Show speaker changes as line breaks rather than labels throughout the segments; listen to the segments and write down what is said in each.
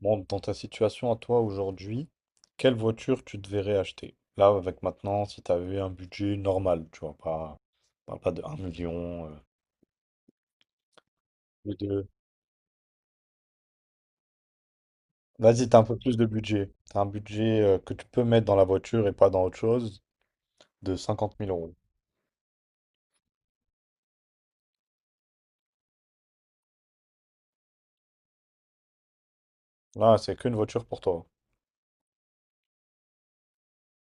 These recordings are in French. Bon, dans ta situation à toi aujourd'hui, quelle voiture tu te verrais acheter? Là, avec maintenant, si tu avais un budget normal, tu vois, pas de un million, ou de... Vas-y, t'as un peu plus de budget. T'as un budget que tu peux mettre dans la voiture et pas dans autre chose, de 50 000 euros. Là, c'est qu'une voiture pour toi.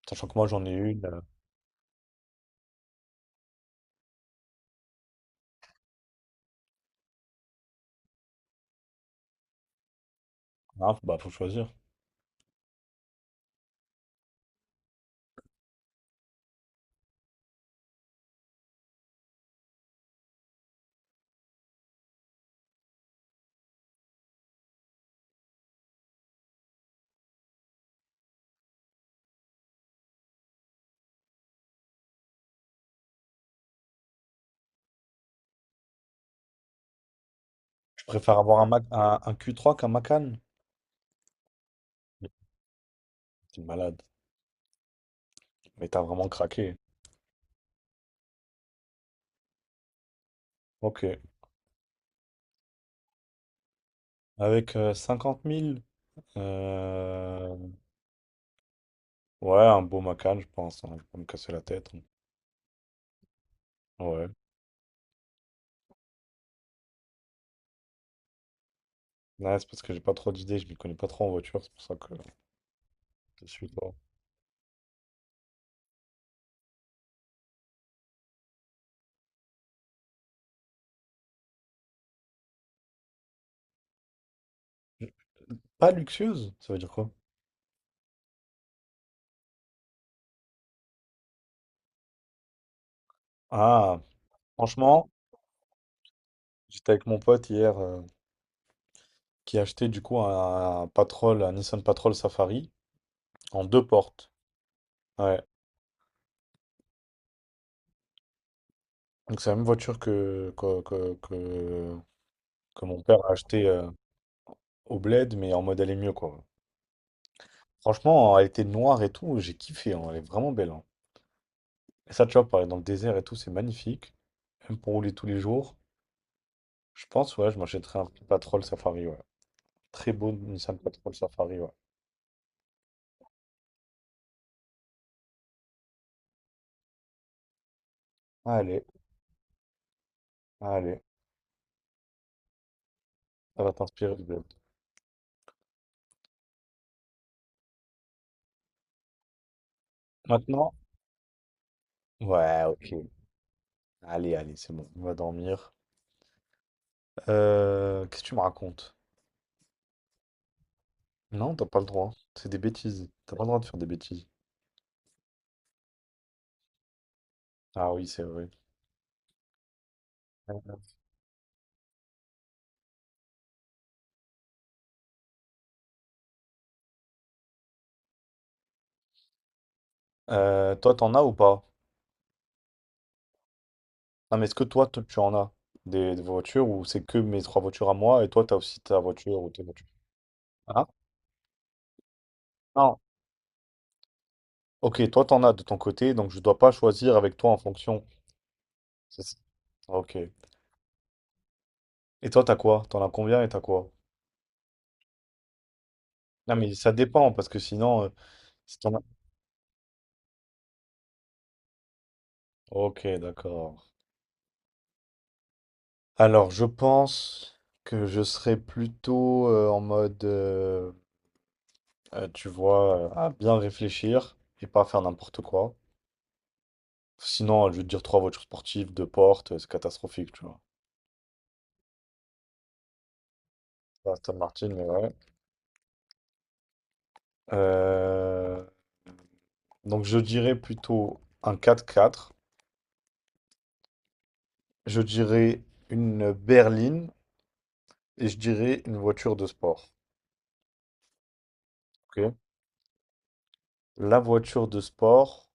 Sachant que moi, j'en ai une. Ah, bah, faut choisir. Je préfère avoir un Q3 qu'un Macan. Mais t'es malade. Mais t'as vraiment craqué. Ok. Avec 50 000. Ouais, un beau Macan, je pense, hein. Je vais pas me casser la tête, hein. Ouais. Ouais, c'est parce que j'ai pas trop d'idées, je m'y connais pas trop en voiture, c'est pour ça que je suis pas. Pas luxueuse, ça veut dire quoi? Ah, franchement, j'étais avec mon pote hier, qui achetait du coup un Patrol, un Nissan Patrol Safari en deux portes. Ouais. Donc c'est la même voiture que mon père a acheté au Bled, mais en mode elle est mieux quoi. Franchement, elle était noire et tout, j'ai kiffé, hein. Elle est vraiment belle, hein. Et ça, tu vois, pareil, dans le désert et tout, c'est magnifique. Même pour rouler tous les jours. Je pense, ouais, je m'achèterai un petit Patrol Safari, ouais. Très beau Nissan Patrol Safari, ouais. Allez, allez, ça va t'inspirer du bled. Maintenant, ouais, ok. Allez, allez, c'est bon, on va dormir. Qu'est-ce que tu me racontes? Non, t'as pas le droit. C'est des bêtises. T'as pas le droit de faire des bêtises. Ah oui, c'est vrai. Toi, t'en as ou pas? Non, mais est-ce que toi, tu en as des voitures, ou c'est que mes trois voitures à moi et toi, t'as aussi ta voiture ou tes voitures? Ah, non. Ok, toi t'en as de ton côté, donc je dois pas choisir avec toi en fonction. C'est ça. Ok. Et toi t'as quoi? T'en as combien et t'as quoi? Non mais ça dépend parce que sinon, si t'en as... Ok, d'accord. Alors je pense que je serais plutôt tu vois, à bien réfléchir et pas faire n'importe quoi. Sinon, je vais te dire trois voitures sportives, deux portes, c'est catastrophique, tu vois. Pas Aston Martin, mais ouais. Euh, Donc je dirais plutôt un quatre-quatre. Je dirais une berline et je dirais une voiture de sport. Ok. La voiture de sport,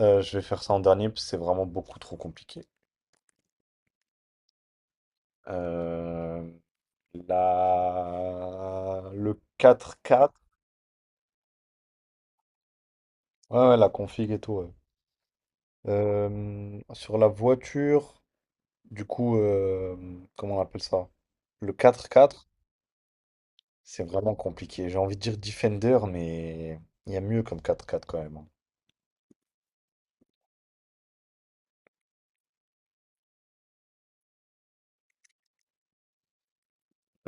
je vais faire ça en dernier parce que c'est vraiment beaucoup trop compliqué. Euh, la... Le quatre quatre. Ouais, ouais, la config et tout, ouais. Sur la voiture, du coup, comment on appelle ça? Le quatre quatre, c'est vraiment compliqué. J'ai envie de dire Defender, mais il y a mieux comme quatre quatre quand même, hein.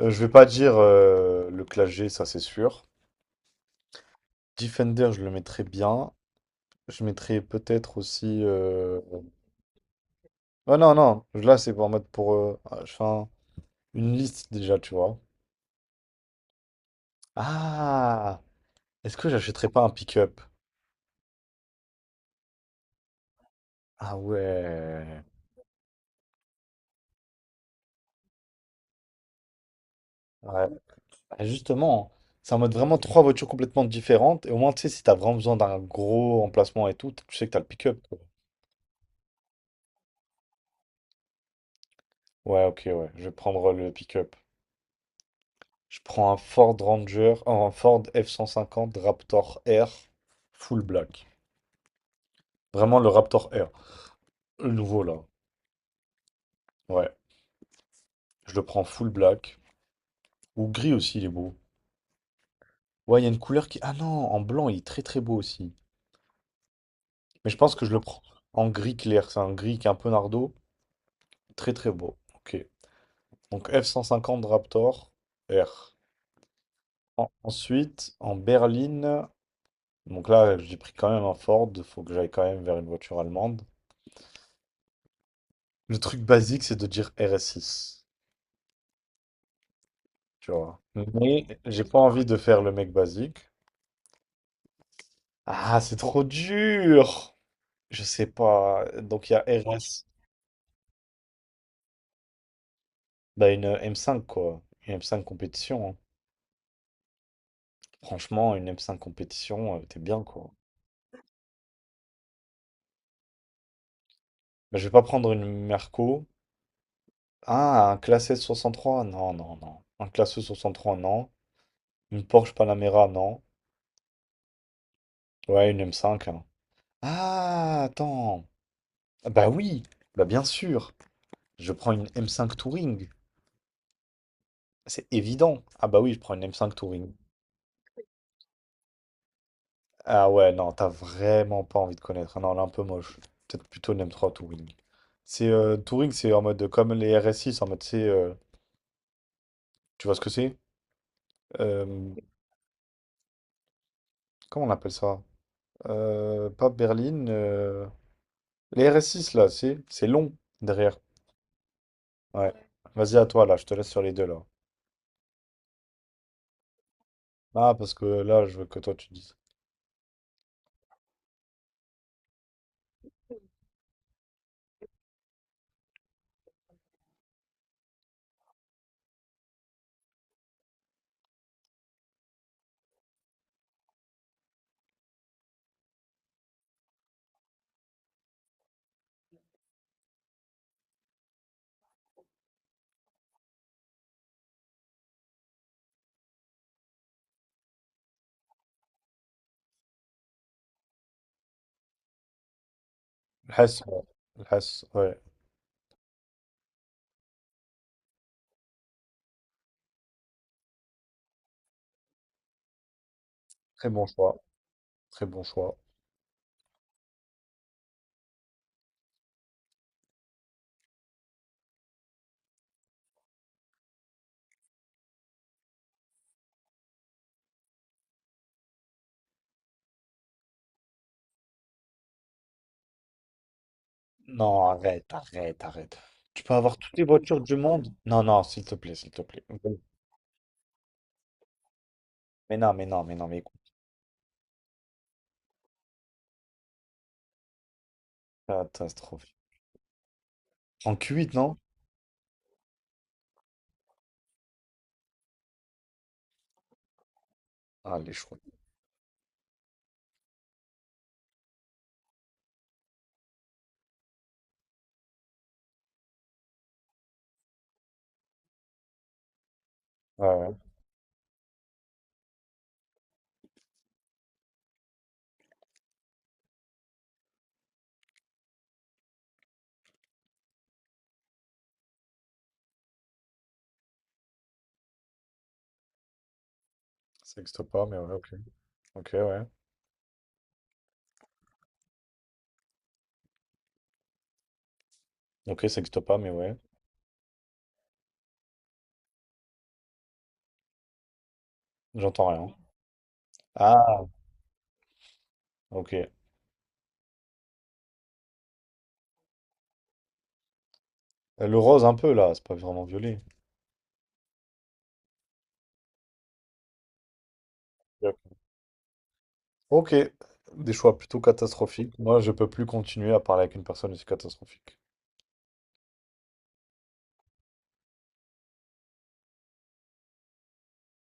Je vais pas dire le Clash G, ça c'est sûr. Defender, je le mettrais bien. Je mettrais peut-être aussi. Oh non, non, là c'est en mode pour. Je fais une liste déjà, tu vois. Ah! Est-ce que j'achèterais pas un pick-up? Ah ouais. Ouais. Ah, justement, c'est en mode vraiment trois voitures complètement différentes. Et au moins, tu sais, si t'as vraiment besoin d'un gros emplacement et tout, tu sais que t'as le pick-up, quoi. Ouais, ok, ouais. Je vais prendre le pick-up. Je prends un Ford Ranger, un Ford F-150 Raptor R, full black. Vraiment le Raptor R. Le nouveau là. Ouais. Je le prends full black. Ou gris aussi, il est beau. Ouais, il y a une couleur qui. Ah non, en blanc, il est très très beau aussi. Mais je pense que je le prends en gris clair. C'est un gris qui est un peu nardo. Très très beau. Ok. Donc F-150 Raptor R. Ensuite, en berline. Donc là, j'ai pris quand même un Ford. Faut que j'aille quand même vers une voiture allemande. Le truc basique, c'est de dire RS 6, tu vois. Mais j'ai pas envie de faire le mec basique. Ah, c'est trop dur! Je sais pas. Donc il y a RS, bah une M5 quoi. Une M5 compétition, hein. Franchement, une M5 compétition, t'es bien quoi. Bah, je vais pas prendre une Merco. Ah, un classe S63? Non, non, non. Un classe E63, non. Une Porsche Panamera, non. Ouais, une M5, hein. Ah, attends. Ah bah oui, bah bien sûr. Je prends une M5 Touring. C'est évident. Ah bah oui, je prends une M5 Touring. Ah ouais, non, t'as vraiment pas envie de connaître. Non, elle est un peu moche. Peut-être plutôt une M3 Touring. C'est Touring, c'est en mode comme les RS6, en mode c'est. Tu vois ce que c'est? Euh, Comment on appelle ça? Pas berline. Les RS6 là, c'est long derrière. Ouais. Vas-y à toi là, je te laisse sur les deux là. Ah parce que là, je veux que toi tu dises. Le Hesse, ouais. Le Hesse, ouais. Très bon choix. Très bon choix. Non, arrête, arrête, arrête. Tu peux avoir toutes les voitures du monde? Non, non, s'il te plaît, s'il te plaît. Bon, mais non, mais non, mais non, mais écoute, catastrophe. En Q8, non? Ah, les choix. Ouais, ouais. Ça n'existe pas, mais ouais, ok. Ok, ouais. Ok, ça n'existe pas, mais ouais. J'entends rien. Ah, ok. Le rose un peu, là, c'est pas vraiment violet. Yep. Ok, des choix plutôt catastrophiques. Moi, je peux plus continuer à parler avec une personne aussi catastrophique.